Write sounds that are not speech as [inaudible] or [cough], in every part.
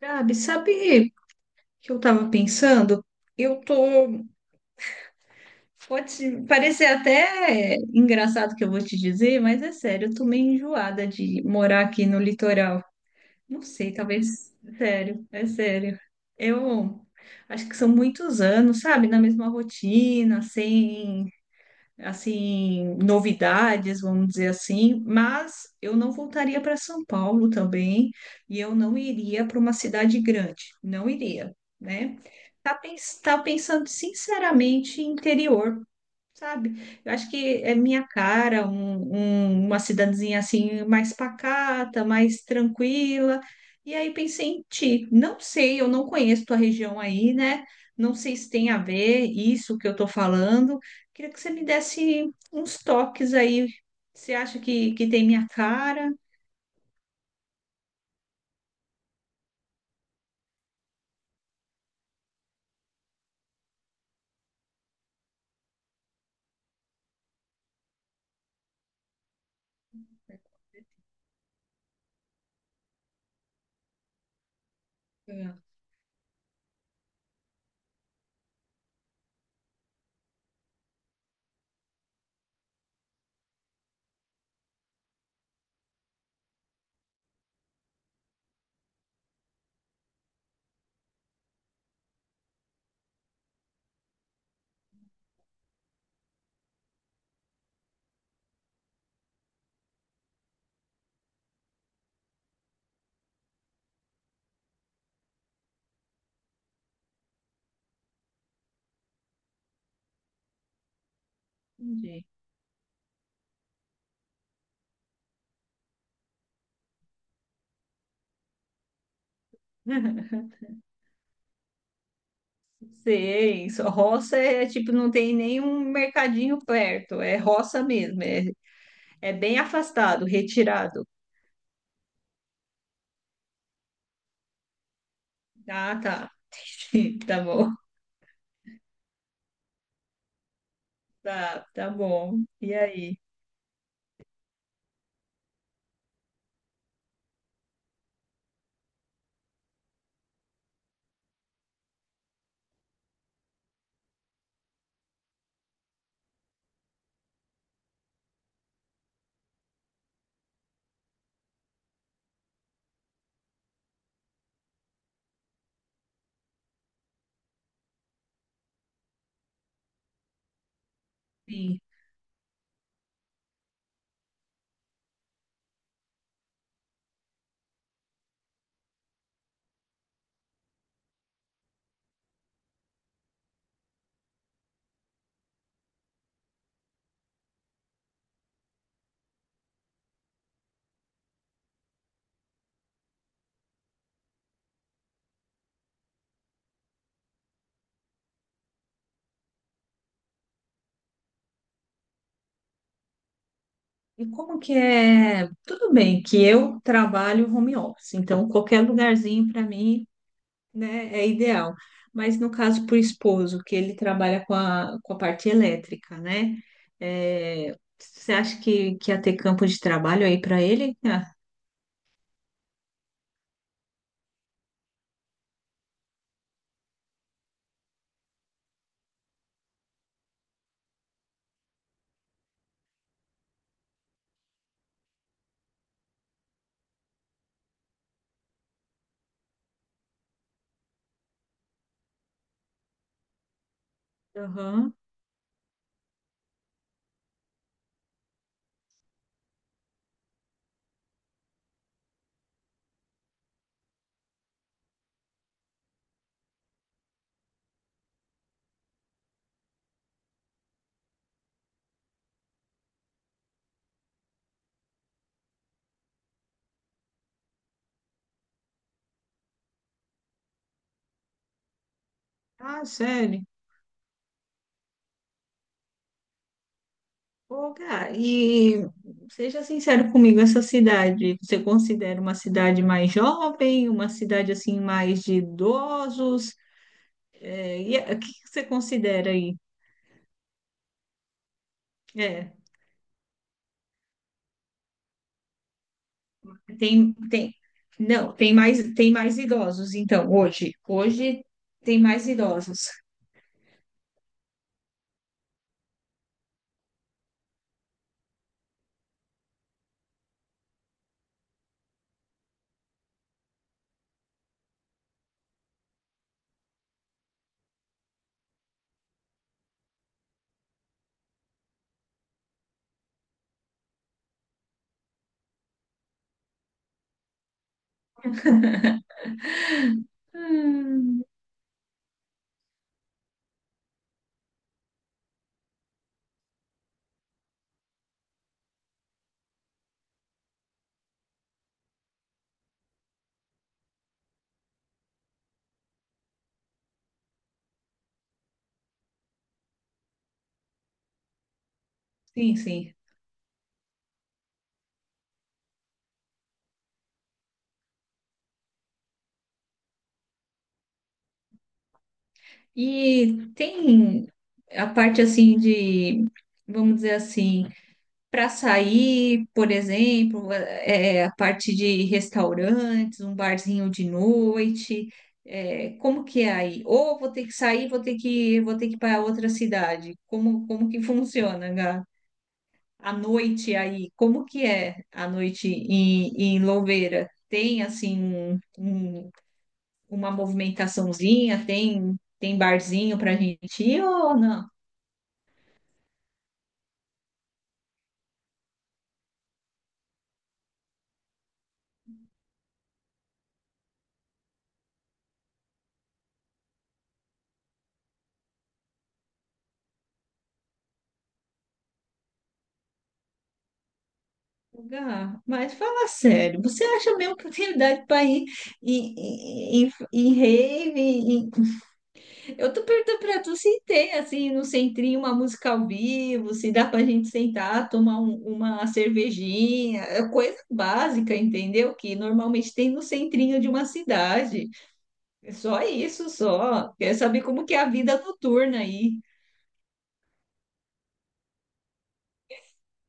Gabi, sabe o que eu estava pensando? Eu tô. Pode parecer até engraçado o que eu vou te dizer, mas é sério, eu tô meio enjoada de morar aqui no litoral. Não sei, talvez. Sério, é sério. Eu acho que são muitos anos, sabe? Na mesma rotina, sem assim, novidades, vamos dizer assim, mas eu não voltaria para São Paulo também e eu não iria para uma cidade grande, não iria, né? Tá, pens tá pensando sinceramente em interior, sabe? Eu acho que é minha cara, uma cidadezinha assim mais pacata, mais tranquila. E aí pensei em ti. Não sei, eu não conheço tua região aí, né? Não sei se tem a ver isso que eu tô falando. Queria que você me desse uns toques aí. Você acha que tem minha cara? Ah, entendi. [laughs] Sei, só roça é tipo, não tem nenhum mercadinho perto, é roça mesmo, é, é bem afastado, retirado. Ah, tá. [laughs] Sim, tá bom. Tá, tá bom. E aí? Sim. E como que é? Tudo bem que eu trabalho home office, então qualquer lugarzinho para mim, né, é ideal. Mas no caso para o esposo, que ele trabalha com com a parte elétrica, né? É, você acha que ia ter campo de trabalho aí para ele? Ah, aham. Ah, sério? Ô, Gá, e seja sincero comigo, essa cidade, você considera uma cidade mais jovem, uma cidade assim mais de idosos? É, o que que você considera aí? É, tem, tem, não, tem mais idosos, então, hoje tem mais idosos. Hum, sim, sim. E tem a parte assim de, vamos dizer assim, para sair, por exemplo, a parte de restaurantes, um barzinho de noite, é, como que é aí? Ou vou ter que sair, vou ter que ir para outra cidade. Como, como que funciona, Gá? A noite aí, como que é a noite em, em Louveira? Tem assim uma movimentaçãozinha, tem barzinho para gente ir ou não? Gá, mas fala sério, você acha mesmo oportunidade para ir em rave? Eu tô perguntando para tu se tem, assim, no centrinho, uma música ao vivo, se dá pra gente sentar, tomar uma cervejinha, é coisa básica, entendeu? Que normalmente tem no centrinho de uma cidade. É só isso, só. Quer saber como que é a vida noturna aí.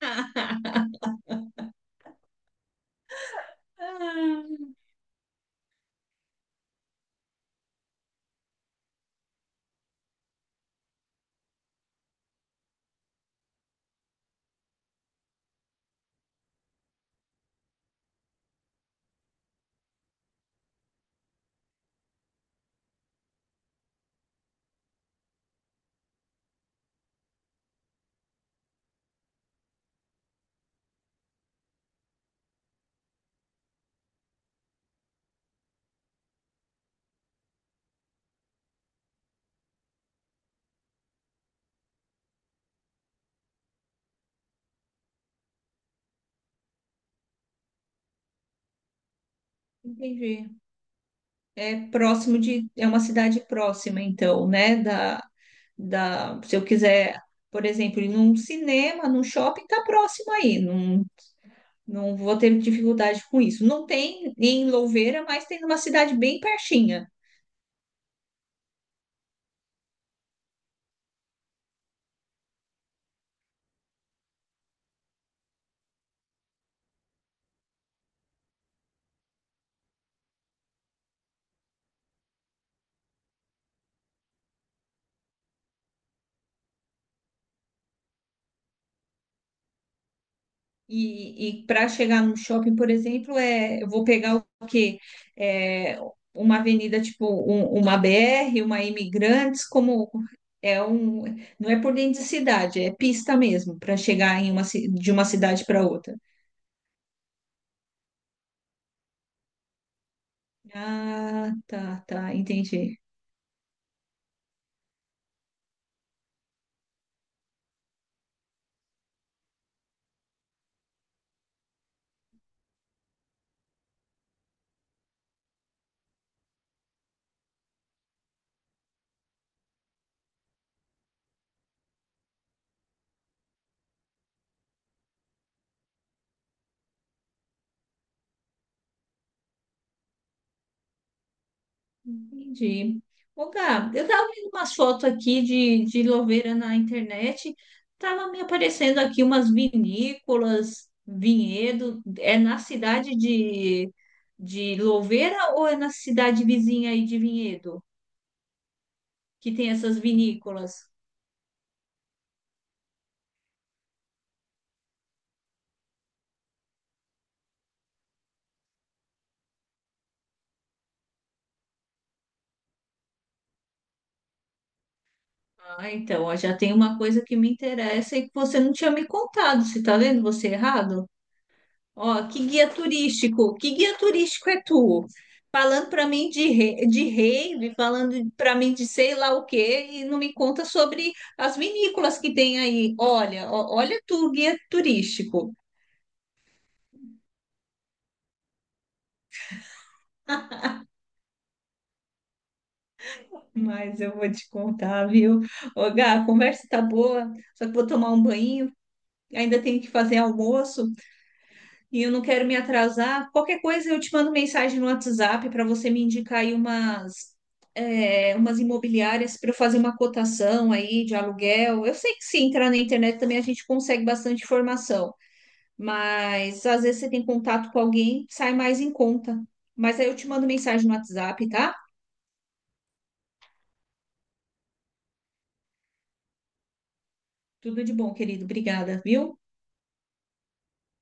[laughs] Ah, entendi. É próximo de, é uma cidade próxima, então, né? Da, se eu quiser, por exemplo, ir num cinema, num shopping, tá próximo aí, não, não vou ter dificuldade com isso. Não tem em Louveira, mas tem numa cidade bem pertinha. E para chegar no shopping, por exemplo, é, eu vou pegar o quê? É, uma avenida tipo uma BR, uma Imigrantes, como é um, não é por dentro de cidade, é pista mesmo para chegar em uma, de uma cidade para outra. Ah, tá, entendi. Entendi. Ô, Gab, eu tava vendo umas fotos aqui de Louveira na internet, tava me aparecendo aqui umas vinícolas, vinhedo. É na cidade de Louveira ou é na cidade vizinha aí de Vinhedo que tem essas vinícolas? Ah, então, ó, já tem uma coisa que me interessa e que você não tinha me contado, você tá vendo? Você errado? Ó, que guia turístico é tu? Falando para mim de, de rave, falando para mim de sei lá o quê, e não me conta sobre as vinícolas que tem aí. Olha, ó, olha tu, guia turístico. Mas eu vou te contar, viu? Ô, Gá, a conversa tá boa, só que vou tomar um banho, ainda tenho que fazer almoço. E eu não quero me atrasar. Qualquer coisa eu te mando mensagem no WhatsApp para você me indicar aí umas, é, umas imobiliárias para eu fazer uma cotação aí de aluguel. Eu sei que se entrar na internet também a gente consegue bastante informação, mas às vezes você tem contato com alguém, sai mais em conta. Mas aí eu te mando mensagem no WhatsApp, tá? Tudo de bom, querido. Obrigada, viu?